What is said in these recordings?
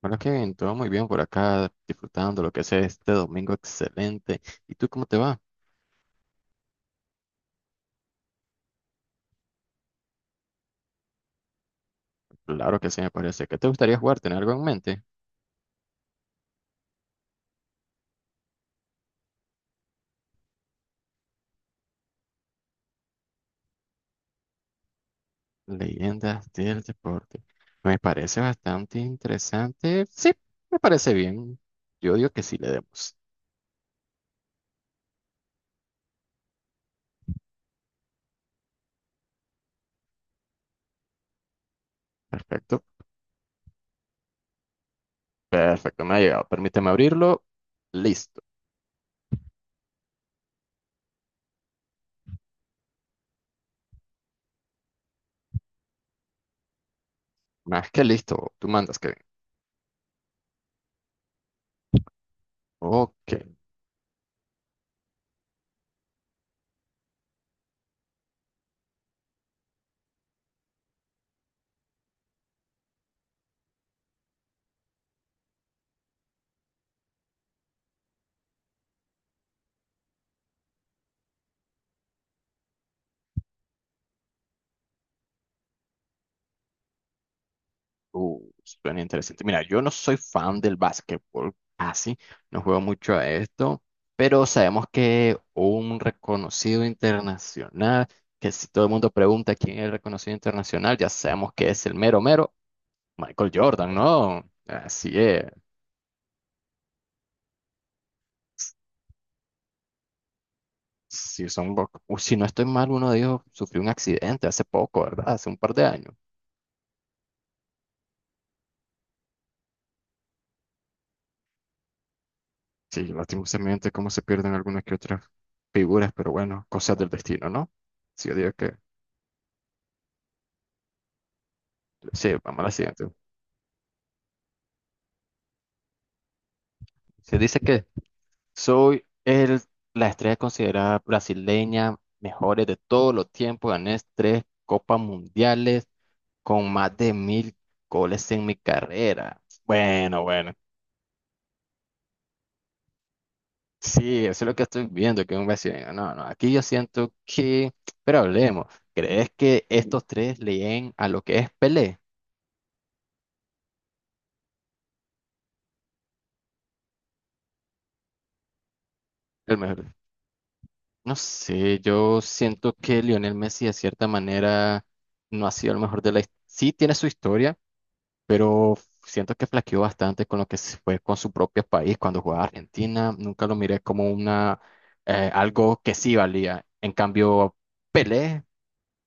Bueno, Kevin, todo muy bien por acá, disfrutando lo que sea este domingo excelente. ¿Y tú cómo te va? Claro que sí, me parece. ¿Qué te gustaría jugar? ¿Tener algo en mente? Leyendas del deporte. Me parece bastante interesante. Sí, me parece bien. Yo digo que sí le demos. Perfecto, perfecto, me ha llegado. Permíteme abrirlo. Listo. Más que listo, tú mandas, Kevin. Ok. Suena interesante. Mira, yo no soy fan del básquetbol, así, no juego mucho a esto, pero sabemos que un reconocido internacional, que si todo el mundo pregunta quién es el reconocido internacional, ya sabemos que es el mero mero Michael Jordan, ¿no? Así es. Si son, o si no estoy mal, uno de ellos sufrió un accidente hace poco, ¿verdad? Hace un par de años. Sí, lastimosamente cómo se pierden algunas que otras figuras, pero bueno, cosas del destino, ¿no? Sí, yo digo que sí, vamos a la siguiente. Se dice que soy la estrella considerada brasileña, mejores de todos los tiempos. Gané tres copas mundiales con más de 1000 goles en mi carrera. Bueno, bueno. Sí, eso es lo que estoy viendo, que un brasileño. No, no, aquí yo siento que. Pero hablemos. ¿Crees que estos tres leen a lo que es Pelé? El mejor. No sé, yo siento que Lionel Messi de cierta manera no ha sido el mejor de la. Sí tiene su historia, pero siento que flaqueó bastante con lo que se fue con su propio país cuando jugaba Argentina. Nunca lo miré como una algo que sí valía. En cambio, Pelé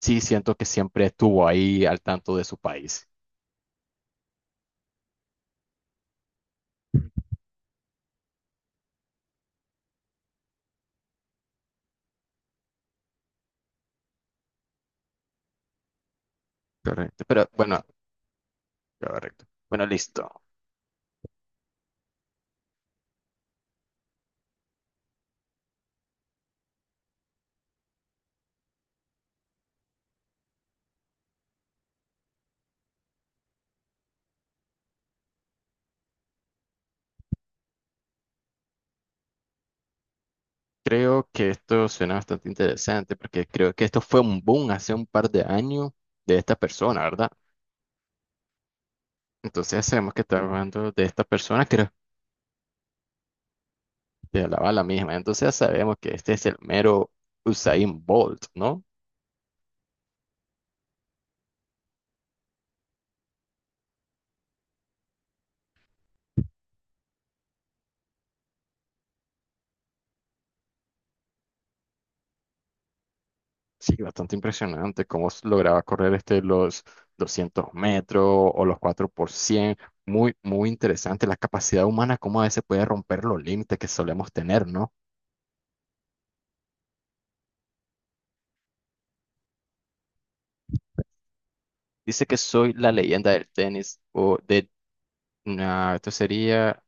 sí siento que siempre estuvo ahí al tanto de su país. Correcto. Pero bueno, correcto. Bueno, listo. Creo que esto suena bastante interesante porque creo que esto fue un boom hace un par de años de esta persona, ¿verdad? Entonces sabemos que está hablando de esta persona, creo. De la bala misma. Entonces ya sabemos que este es el mero Usain Bolt, ¿no? Sí, bastante impresionante cómo lograba correr los 200 metros o los 4x100. Muy, muy interesante la capacidad humana, cómo a veces puede romper los límites que solemos tener, ¿no? Dice que soy la leyenda del tenis o de, nah, esto sería,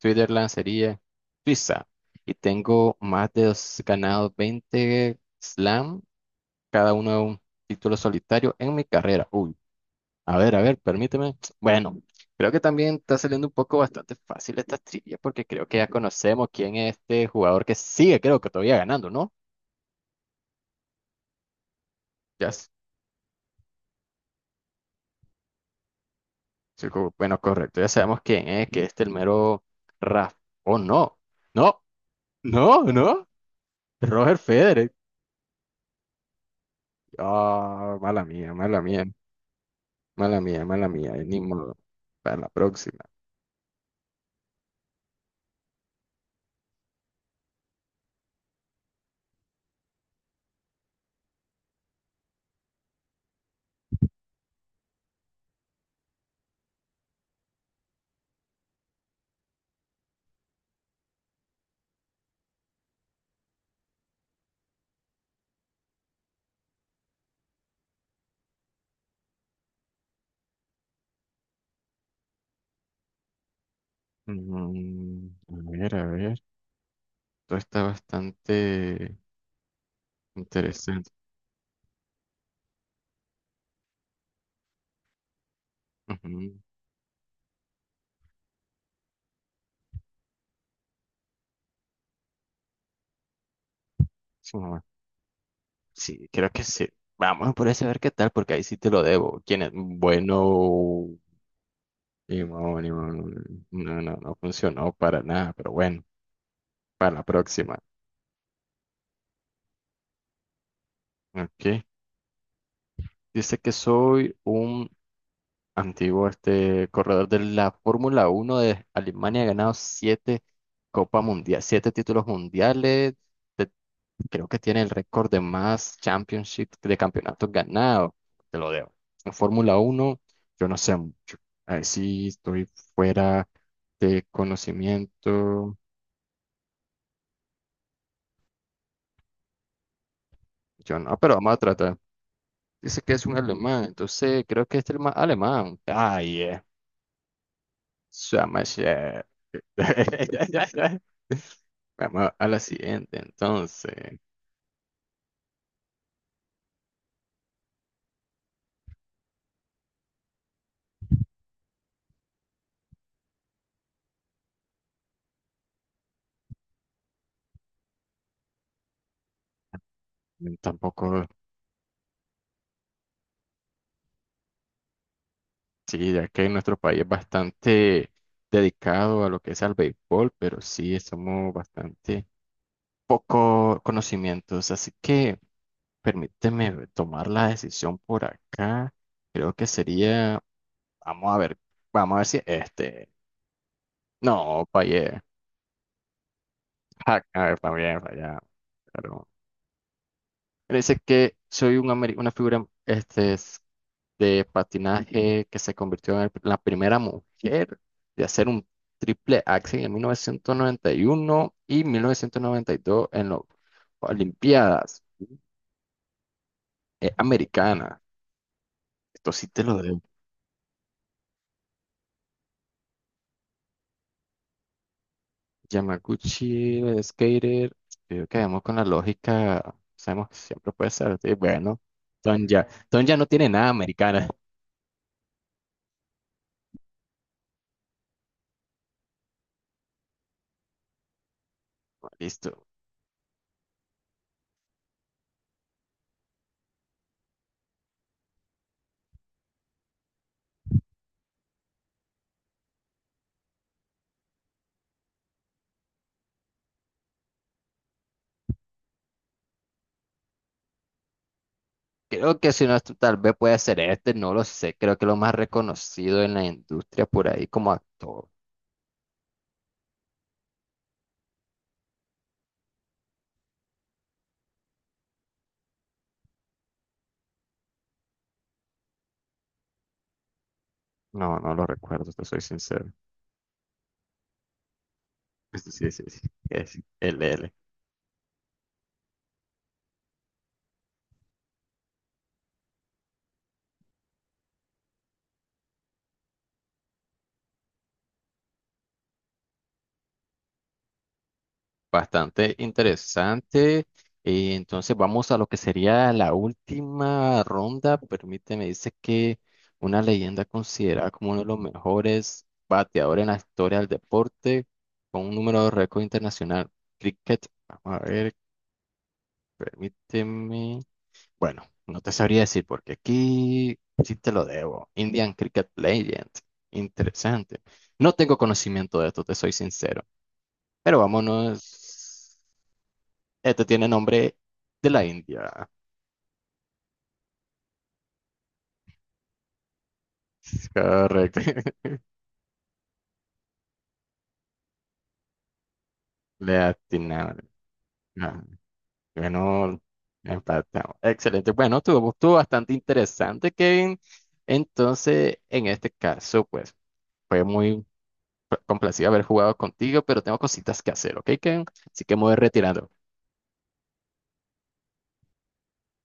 Switzerland sería Suiza. Y tengo ganado 20 slam, cada uno un título solitario en mi carrera. Uy, a ver, a ver, permíteme. Bueno, creo que también está saliendo un poco bastante fácil esta trivia porque creo que ya conocemos quién es este jugador que sigue, creo que todavía ganando, ¿no? Ya, sí, bueno, correcto, ya sabemos quién es, que es el mero Rafa. Oh, no, no, no, no, Roger Federer. Ah, mala mía, mala mía, mala mía, mala mía, ni modo. Para la próxima. A ver, a ver, esto está bastante interesante. Ujú. Sí, sí, creo que sí. Vamos por ese a ver qué tal, porque ahí sí te lo debo. ¿Quién es? Bueno, Limón, Limón. No, no, no funcionó para nada, pero bueno, para la próxima. Ok. Dice que soy un antiguo corredor de la Fórmula 1 de Alemania, ha ganado siete Copa Mundial, siete títulos mundiales. te- Creo que tiene el récord de más championship de campeonatos ganados. Te lo debo. En Fórmula 1, yo no sé mucho. Ahí sí estoy fuera de conocimiento. Yo no, pero vamos a tratar. Dice que es un alemán, entonces creo que es el más alemán. Ay, Summer Shack. Vamos a la siguiente, entonces. Tampoco, sí, ya que nuestro país es bastante dedicado a lo que es al béisbol, pero sí, somos bastante poco conocimientos. Así que permíteme tomar la decisión por acá. Creo que sería, vamos a ver, vamos a ver si este. No, fallé. Ah, a ver, fallé, fallé. Él dice que soy una figura de patinaje que se convirtió en la primera mujer de hacer un triple axel en 1991 y 1992 en las Olimpiadas Americanas. Esto sí te lo debo. Yamaguchi, el skater, creo que vamos con la lógica, sabemos que siempre puede ser. Sí, bueno, Don ya no tiene nada americana. Listo. Creo que si no, esto tal vez puede ser este, no lo sé. Creo que lo más reconocido en la industria por ahí como actor. No, no lo recuerdo, te soy sincero. Sí, sí, sí, sí, es LL. Bastante interesante. Y entonces vamos a lo que sería la última ronda. Permíteme, dice que una leyenda considerada como uno de los mejores bateadores en la historia del deporte, con un número de récord internacional. Cricket, vamos a ver, permíteme. Bueno, no te sabría decir porque aquí sí te lo debo. Indian Cricket Legend. Interesante. No tengo conocimiento de esto, te soy sincero. Pero vámonos. Este tiene nombre de la India. Correcto. Le atinaron. Ah, bueno, empatamos. Excelente. Bueno, estuvo bastante interesante, Kevin. Entonces, en este caso, pues, fue muy complacido haber jugado contigo, pero tengo cositas que hacer, ¿ok, Kevin? Así que me voy retirando.